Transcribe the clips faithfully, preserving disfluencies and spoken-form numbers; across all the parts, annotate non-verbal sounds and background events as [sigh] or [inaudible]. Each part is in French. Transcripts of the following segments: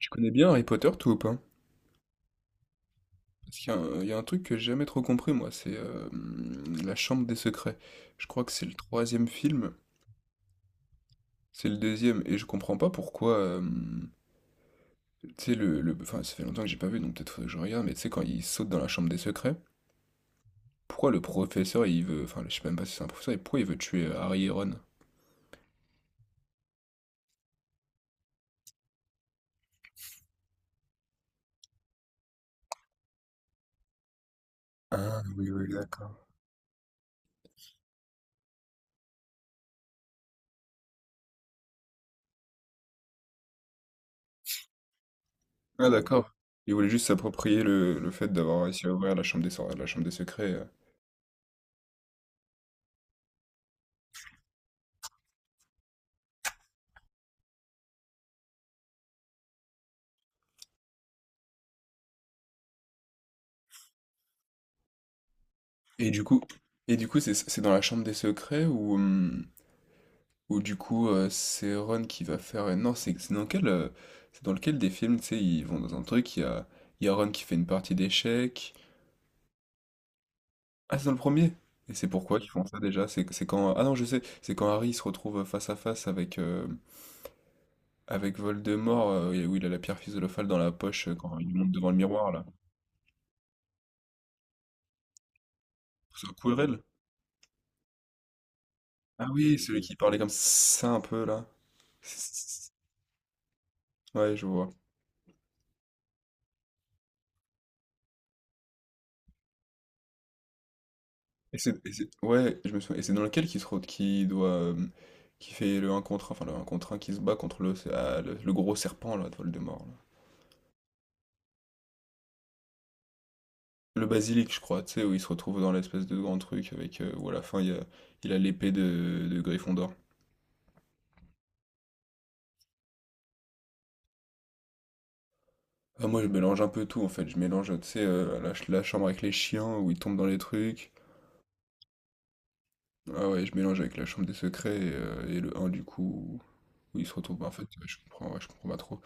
Tu connais bien Harry Potter, toi, ou pas? Parce qu'il y a un, il y a un truc que j'ai jamais trop compris, moi, c'est euh, hum, La Chambre des Secrets. Je crois que c'est le troisième film, c'est le deuxième, et je comprends pas pourquoi euh, hum, tu sais, le, le- Enfin, ça fait longtemps que j'ai pas vu, donc peut-être faudrait que je regarde, mais tu sais, quand il saute dans la Chambre des Secrets, pourquoi le professeur, il veut... Enfin, je sais même pas si c'est un professeur, et pourquoi il veut tuer euh, Harry et Ron? Ah, oui, oui, d'accord. Ah, d'accord. Il voulait juste s'approprier le, le fait d'avoir réussi à ouvrir la Chambre des, la Chambre des Secrets. Euh. Et du coup... Et du coup, c'est c'est dans la chambre des secrets où... hum, Ou du coup, euh, c'est Ron qui va faire. euh, Non, c'est c'est dans quel, euh, c'est dans lequel des films, tu sais, ils vont dans un truc, il y a, il y a Ron qui fait une partie d'échecs. Ah, c'est dans le premier. Et c'est pourquoi ils font ça déjà? C'est c'est quand. Ah non, je sais, c'est quand Harry se retrouve face à face avec, euh, avec Voldemort, euh, où il a la pierre philosophale dans la poche euh, quand il monte devant le miroir, là. C'est Quirrell? Ah oui, celui qui parlait comme ça un peu, là. Ouais, je vois. Et c'est, et c'est- ouais, je me souviens. Et c'est dans lequel qui se re- qui doit, euh, qui fait le un contre un enfin le un contre un qui se bat contre le, ah, le, le gros serpent là, de Voldemort. Là. Le basilic, je crois, tu sais, où il se retrouve dans l'espèce de grand truc avec, euh, où à la fin il y a, il a l'épée de, de Gryffondor. Ah, moi je mélange un peu tout en fait, je mélange, tu sais, euh, la, ch- la chambre avec les chiens où ils tombent dans les trucs. Ah ouais, je mélange avec la chambre des secrets et, euh, et le un du coup où, où il se retrouve. Bah, en fait, ouais, je comprends, ouais, je comprends pas trop.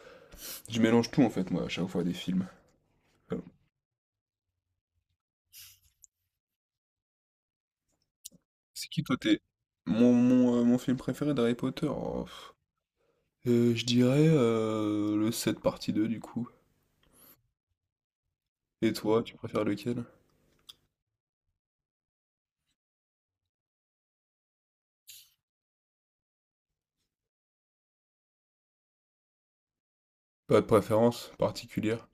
Je mélange tout en fait, moi, à chaque fois des films. C'est qui toi t'es mon, mon, euh, mon film préféré d'Harry Potter? Oh, pff. Euh, je dirais euh, le sept partie deux du coup. Et toi, tu préfères lequel? Pas de préférence particulière.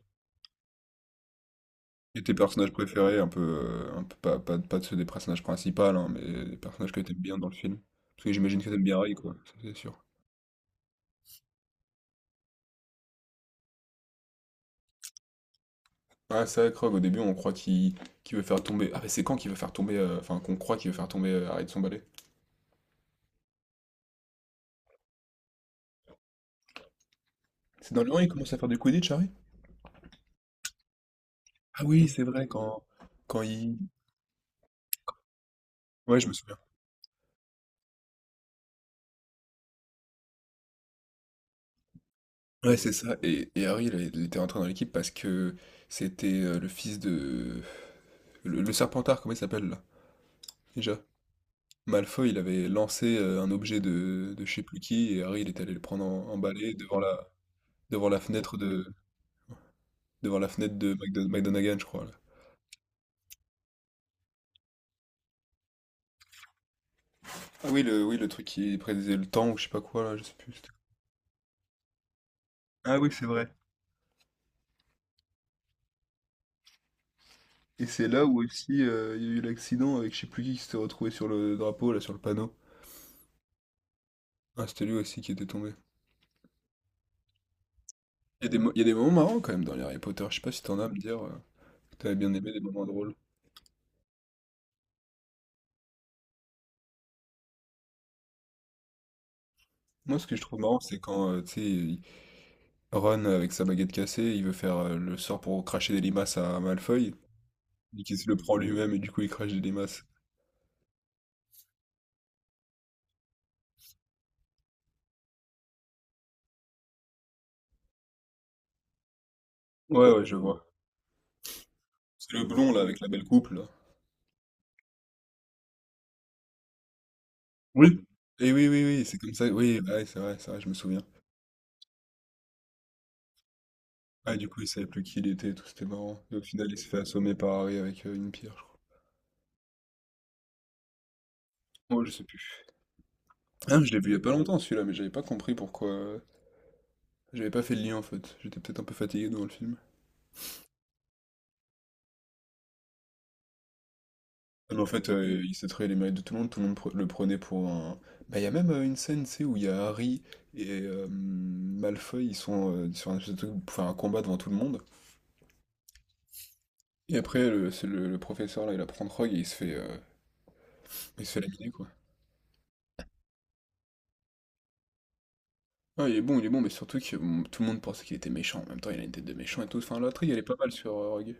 Et tes personnages préférés, un peu, euh, un peu pas, pas, pas de ceux des personnages principaux, hein, mais des personnages que t'aimes bien dans le film. Parce que j'imagine que t'aimes bien Harry, quoi, ça c'est sûr. Ah, c'est vrai, Krog, au début on croit qu'il qu'il veut faire tomber. Ah, mais c'est quand qu'il veut faire tomber. euh, Enfin, qu'on croit qu'il veut faire tomber euh, Harry de son balai? C'est dans le un, il commence à faire du Quidditch, Harry? Ah oui, c'est vrai, quand, quand il... Ouais, je me souviens. Ouais, c'est ça. Et, et Harry, il il était rentré dans l'équipe parce que c'était euh, le fils de... Le, le Serpentard, comment il s'appelle là? Déjà. Malfoy, il avait lancé euh, un objet de, de je sais plus qui, et Harry, il était allé le prendre en, en balai devant la, devant la fenêtre de, devant la fenêtre de McDo- McGonagall, je crois. Là. Ah oui, le, oui, le truc qui prédisait le temps ou je sais pas quoi, là, je sais plus. C'était- Ah oui, c'est vrai. Et c'est là où aussi euh, il y a eu l'accident avec je sais plus qui qui s'était retrouvé sur le drapeau, là, sur le panneau. Ah, c'était lui aussi qui était tombé. Il y a des, mo- il y a des moments marrants quand même dans les Harry Potter. Je sais pas si t'en as à me dire euh, que t'avais bien aimé les moments drôles. Moi, ce que je trouve marrant, c'est quand euh, tu sais, il- Ron avec sa baguette cassée, il veut faire euh, le sort pour cracher des limaces à Malfoy, et qu'il se le prend lui-même et du coup il crache des limaces. Ouais, ouais, je vois. C'est le blond là avec la belle coupe là. Oui. Et oui, oui, oui, c'est comme ça. Oui, ouais, c'est vrai, c'est vrai, je me souviens. Ah, du coup, il savait plus qui il était, et tout, c'était marrant. Et au final, il se fait assommer par Harry avec euh, une pierre, je crois. Oh, je sais plus. Ah, je l'ai vu il y a pas longtemps celui-là, mais j'avais pas compris pourquoi. Euh, J'avais pas fait le lien en fait, j'étais peut-être un peu fatigué devant le film. Non, mais en fait, euh, il s'attrayait les mérites de tout le monde, tout le monde pre- le prenait pour un. Bah, il y a même euh, une scène, tu sais, où il y a Harry et euh, Malfoy, ils sont euh, sur un espèce de truc pour faire un combat devant tout le monde. Et après, le, c'est le, le professeur là, il apprend Rogue et il se fait, euh, il se fait laminer quoi. Ah, il est bon, il est bon, mais surtout que bon, tout le monde pensait qu'il était méchant. En même temps, il a une tête de méchant et tout. Enfin, l'intrigue, elle est pas mal sur euh, Rogue.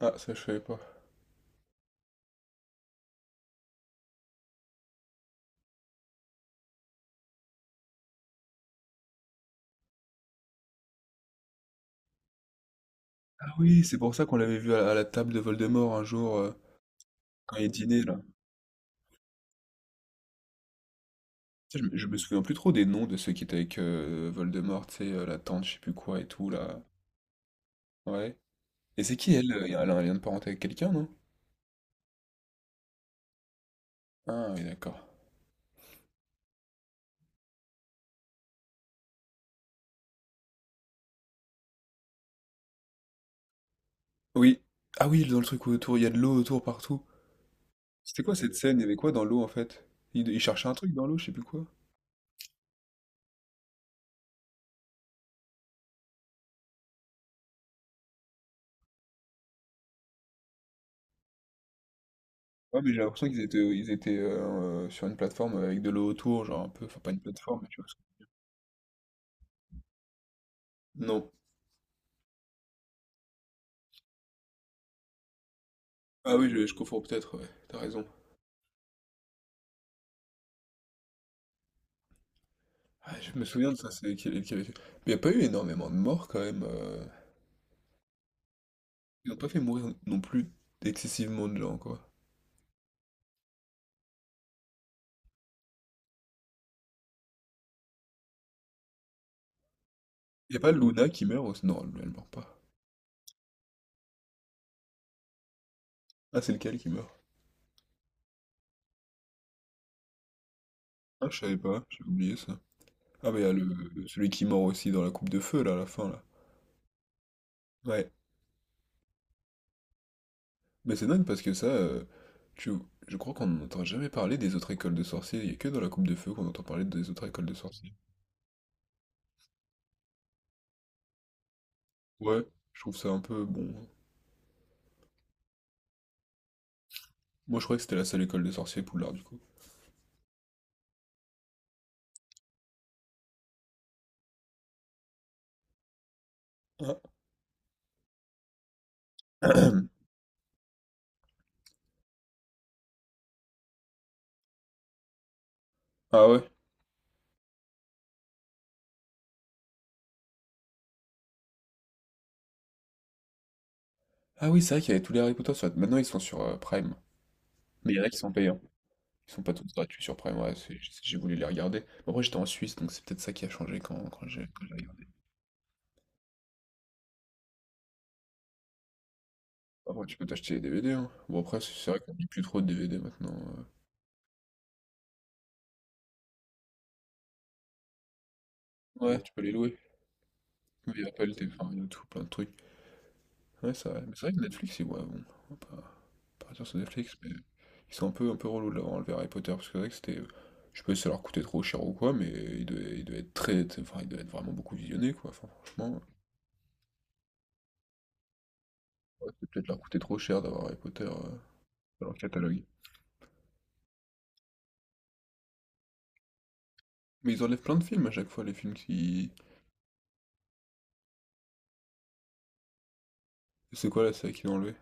Ah, ça, je savais pas. Ah oui, c'est pour ça qu'on l'avait vu à, la à la table de Voldemort un jour, euh, quand il dînait là. Je me je me souviens plus trop des noms de ceux qui étaient avec euh, Voldemort, tu sais, euh, la tante, je sais plus quoi et tout, là. Ouais. Et c'est qui elle? euh, Elle a un lien de parenté avec quelqu'un, non? Ah oui, d'accord. Oui. Ah oui, dans le truc où autour, il y a de l'eau autour partout. C'était quoi cette scène? Il y avait quoi dans l'eau en fait? Ils, ils cherchaient un truc dans l'eau, je sais plus quoi. Ouais, mais j'ai l'impression qu'ils étaient, euh, ils étaient euh, euh, sur une plateforme avec de l'eau autour, genre un peu, enfin pas une plateforme, mais tu vois. Ce que- Non. Ah oui, je, je confonds peut-être, ouais, t'as raison. Ah, je me souviens de ça, c'est qu'il y avait... fait. Mais il n'y a pas eu énormément de morts quand même. Euh, Ils ont pas fait mourir non plus excessivement de gens, quoi. Y a pas Luna qui meurt aussi? Non, elle meurt pas. Ah, c'est lequel qui meurt? Ah, je savais pas, j'ai oublié ça. Ah, bah, y a le, le- celui qui meurt aussi dans la coupe de feu, là, à la fin, là. Ouais. Mais c'est dingue parce que ça, euh, tu, je crois qu'on n'entend jamais parler des autres écoles de sorciers. Il y a que dans la coupe de feu qu'on entend parler des autres écoles de sorciers. Ouais, je trouve ça un peu bon. Moi, je croyais que c'était la seule école de sorciers, Poudlard, du coup. Ah, [coughs] [clears throat] ah ouais. Ah oui, c'est vrai qu'il y avait tous les Harry Potter sur... Maintenant, ils sont sur euh, Prime. Mais il y en a qui sont payants. Ils sont pas tous gratuits sur Prime, ouais, c'est- j'ai voulu les regarder. Mais après, j'étais en Suisse, donc c'est peut-être ça qui a changé quand, quand j'ai quand j'ai regardé. Après, tu peux t'acheter les D V D, hein. Bon, après, c'est c'est vrai qu'on dit plus trop de D V D maintenant. Euh. Ouais, tu peux les louer. Il y a Apple T V, enfin, il y a tout, plein de trucs. Ouais, c'est vrai. Mais c'est vrai que Netflix, ils- ouais, bon, on va pas partir sur Netflix, mais ils sont un peu, un peu relous de l'avoir enlevé Harry Potter, parce que c'est vrai que c'était... Je sais pas si ça leur coûtait trop cher ou quoi, mais ils devaient, ils devaient être très... Enfin, ils devaient être vraiment beaucoup visionnés, quoi. Enfin, franchement, ouais, c'est peut-être leur coûter trop cher d'avoir Harry Potter euh, dans leur catalogue. Mais ils enlèvent plein de films à chaque fois, les films qui... C'est quoi la série qu'ils ont enlevé?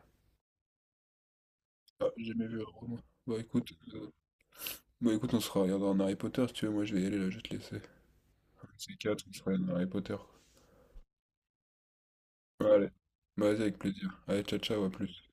Ah, j'ai jamais vu, alors, moi. Bah écoute, euh, bah écoute, on sera regardera un Harry Potter si tu veux, moi je vais y aller là, je vais te laisser. C'est quatre, on se regarde un Harry Potter. Ouais, allez, bah, vas-y, avec plaisir. Allez, ciao, ciao, à plus.